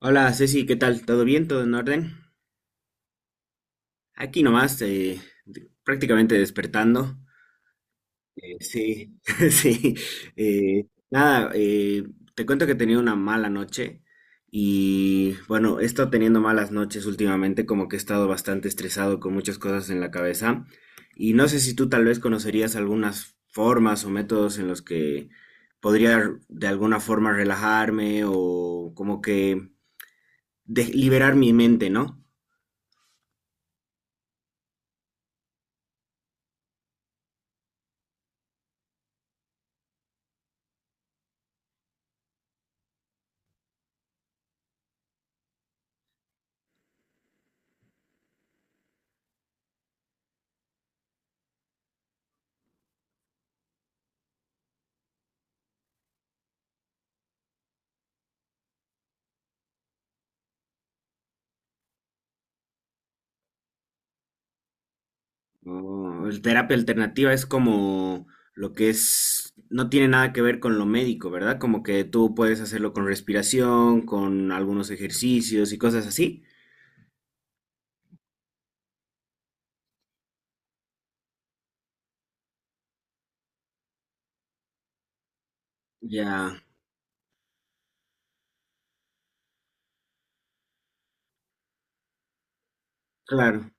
Hola Ceci, ¿qué tal? ¿Todo bien? ¿Todo en orden? Aquí nomás, prácticamente despertando. Sí, sí. Nada. Te cuento que he tenido una mala noche y bueno, he estado teniendo malas noches últimamente, como que he estado bastante estresado con muchas cosas en la cabeza y no sé si tú tal vez conocerías algunas formas o métodos en los que podría de alguna forma relajarme o como que liberar mi mente, ¿no? Oh, el terapia alternativa es como lo que es, no tiene nada que ver con lo médico, ¿verdad? Como que tú puedes hacerlo con respiración, con algunos ejercicios y cosas así. Ya, claro.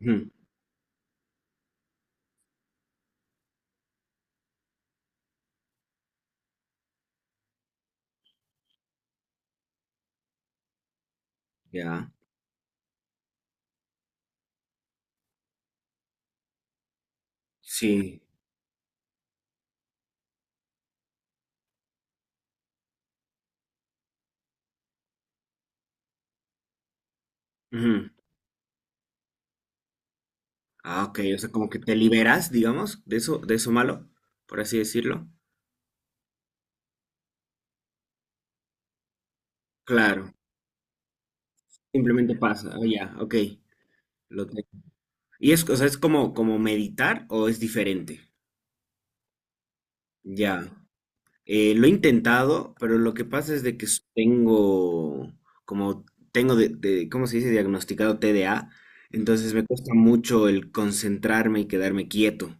Ujú. Ya, sí. Ujú. Ah, ok, o sea, como que te liberas, digamos, de eso malo, por así decirlo. Claro, simplemente pasa. Ah, ya, ok. Lo tengo. Y es, o sea, es como, como meditar o es diferente. Ya. Lo he intentado, pero lo que pasa es de que tengo, como tengo ¿cómo se dice? Diagnosticado TDA, entonces me cuesta mucho el concentrarme y quedarme quieto.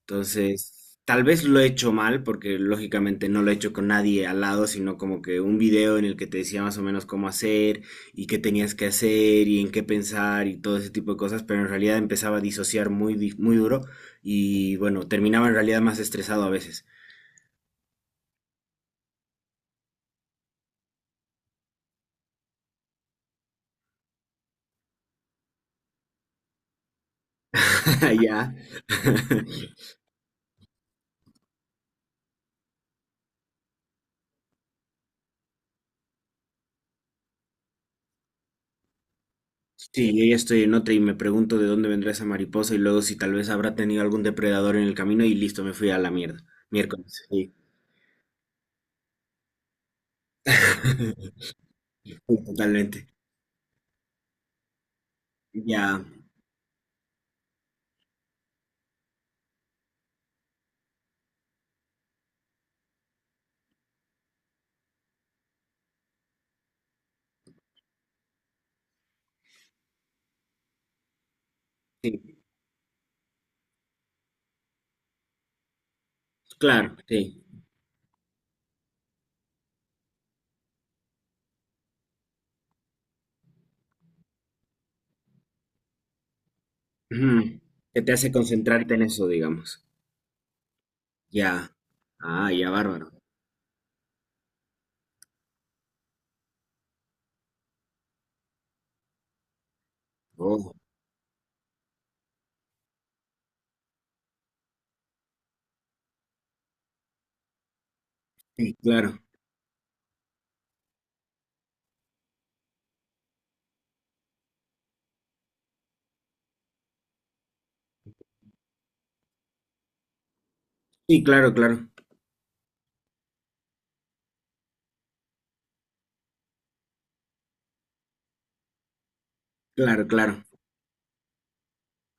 Entonces, tal vez lo he hecho mal, porque lógicamente no lo he hecho con nadie al lado, sino como que un video en el que te decía más o menos cómo hacer y qué tenías que hacer y en qué pensar y todo ese tipo de cosas, pero en realidad empezaba a disociar muy duro y bueno, terminaba en realidad más estresado a veces. Ya. Sí, yo ya estoy en otra y me pregunto de dónde vendrá esa mariposa y luego si tal vez habrá tenido algún depredador en el camino y listo, me fui a la mierda. Miércoles, sí. Sí, totalmente. Ya, sí, claro, sí. Ujú. Que te hace concentrarte en eso, digamos. Ya. Ah, ya, bárbaro. Oh, sí, claro. Sí, claro, claro. Claro, claro.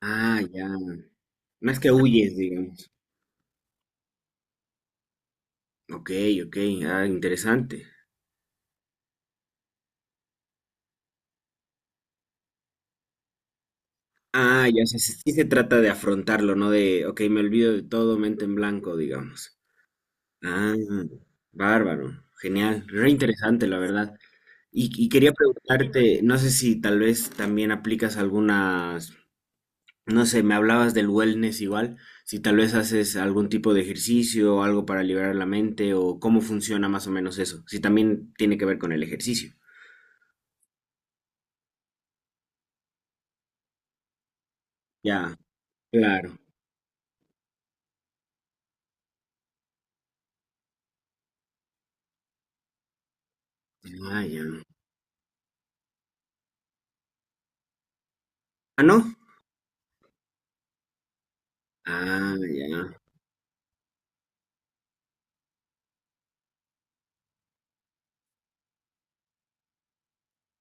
Ah, ya. No es que huyes, digamos. Ok, ok. Ah, interesante. Ah, ya, o sea, sí, sí se trata de afrontarlo, ¿no? De, ok, me olvido de todo, mente en blanco, digamos. Ah, bárbaro, genial, re interesante, la verdad. Y quería preguntarte, no sé si tal vez también aplicas algunas, no sé, me hablabas del wellness igual, si tal vez haces algún tipo de ejercicio o algo para liberar la mente o cómo funciona más o menos eso, si también tiene que ver con el ejercicio. Ya, claro. Ah, ya. Ah, ¿no? Ah, ya.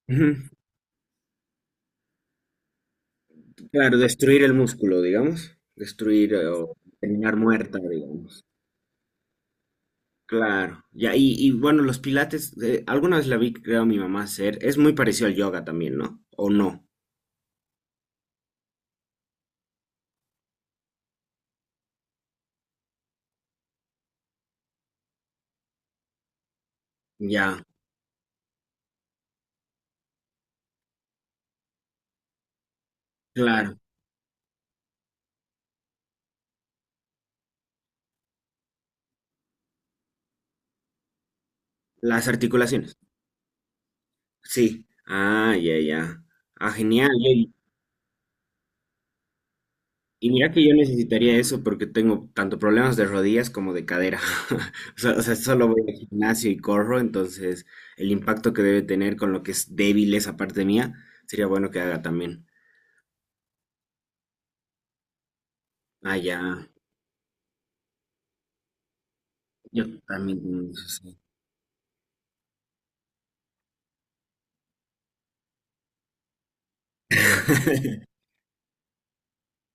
Claro, destruir el músculo, digamos, destruir o terminar muerta, digamos. Claro, ya, y bueno, los pilates, alguna vez la vi, creo, a mi mamá hacer, es muy parecido al yoga también, ¿no? ¿O no? Ya, claro, las articulaciones, sí. Ah, ya, ya. Ah, genial. Y mira que yo necesitaría eso porque tengo tanto problemas de rodillas como de cadera. O sea, solo voy al gimnasio y corro, entonces el impacto que debe tener con lo que es débil esa parte mía, sería bueno que haga también. Ah, ya. Yo también tengo esos, sí.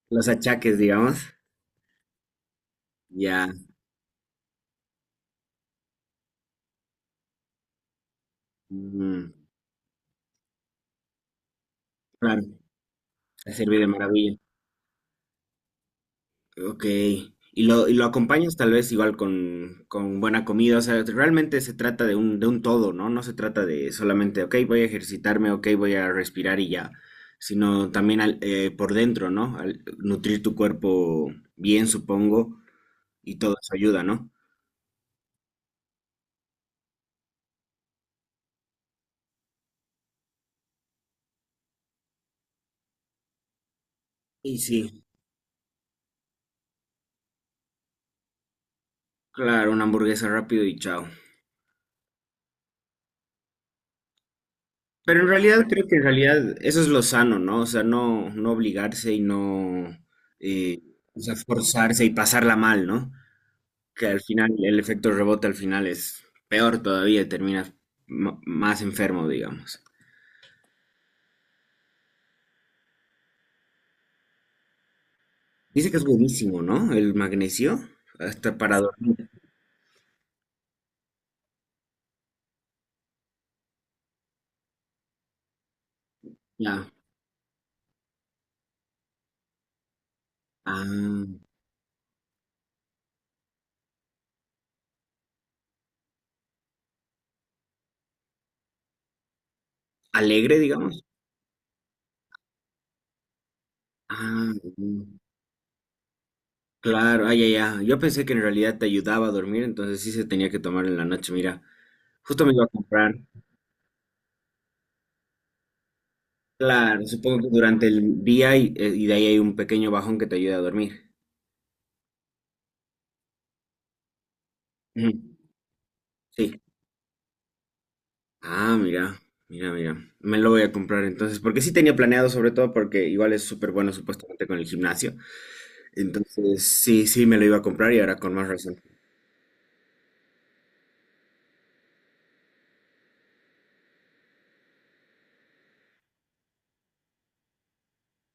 Los achaques, digamos. Ya. Mm, claro, te sirve de maravilla. Ok. Y lo acompañas tal vez igual con buena comida. O sea, realmente se trata de un todo, ¿no? No se trata de solamente, ok, voy a ejercitarme, ok, voy a respirar y ya. Sino también por dentro, ¿no? Al nutrir tu cuerpo bien, supongo. Y todo eso ayuda, ¿no? Y sí, claro, una hamburguesa rápido y chao. Pero en realidad creo que en realidad eso es lo sano, ¿no? O sea, no, no obligarse y no eh, o sea, forzarse y pasarla mal, ¿no? Que al final el efecto rebote al final es peor todavía, y terminas más enfermo, digamos. Dice que es buenísimo, ¿no? El magnesio, hasta para dormir. Ya. Ah, alegre, digamos. Ah, mm, claro, ah, ya, ya. Yo pensé que en realidad te ayudaba a dormir, entonces sí se tenía que tomar en la noche. Mira, justo me iba a comprar. Claro, supongo que durante el día y de ahí hay un pequeño bajón que te ayuda a dormir. Ujú. Sí. Ah, mira, mira, mira. Me lo voy a comprar entonces, porque sí tenía planeado, sobre todo porque igual es súper bueno supuestamente con el gimnasio. Entonces, sí, sí, me lo iba a comprar y ahora con más razón.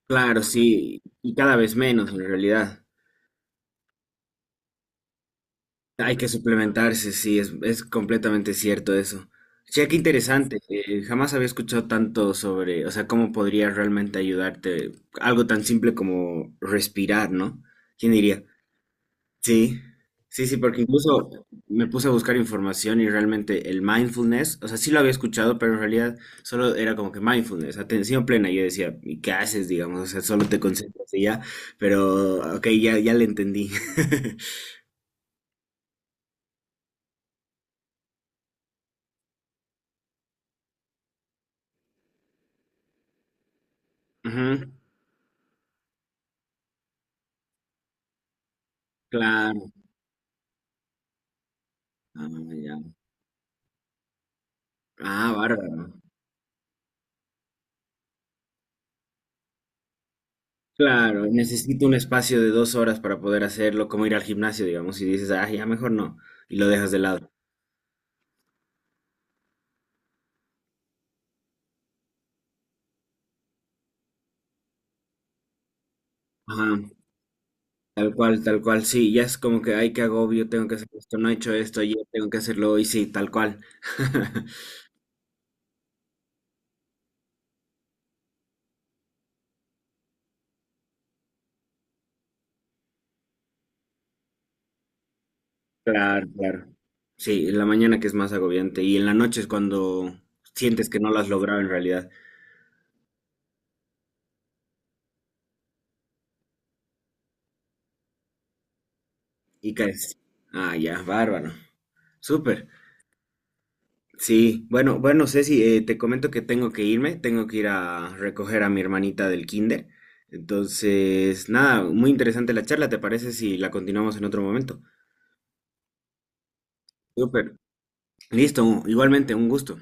Claro, sí, y cada vez menos en realidad. Hay que suplementarse, sí, es completamente cierto eso. Che, qué interesante. Jamás había escuchado tanto sobre, o sea, cómo podría realmente ayudarte algo tan simple como respirar, ¿no? ¿Quién diría? Sí, sí, sí, porque incluso me puse a buscar información y realmente el mindfulness, o sea, sí lo había escuchado, pero en realidad solo era como que mindfulness, atención plena. Y yo decía, ¿y qué haces, digamos? O sea, solo te concentras y ya, pero ok, ya, ya le entendí. Ujú, claro. Ah, ya. Ah, bárbaro. Claro, necesito un espacio de 2 horas para poder hacerlo, como ir al gimnasio, digamos, y dices, ah, ya mejor no, y lo dejas de lado. Ajá, tal cual, sí, ya es como que, ay, qué agobio, tengo que hacer esto, no he hecho esto ayer, tengo que hacerlo hoy, sí, tal cual. Claro, claro. Sí, en la mañana que es más agobiante, y en la noche es cuando sientes que no lo has logrado en realidad, y caes. Ah, ya, bárbaro. Súper. Sí, bueno, bueno, Ceci, te comento que tengo que irme, tengo que ir a recoger a mi hermanita del kinder. Entonces, nada, muy interesante la charla, ¿te parece si la continuamos en otro momento? Súper. Listo, igualmente, un gusto.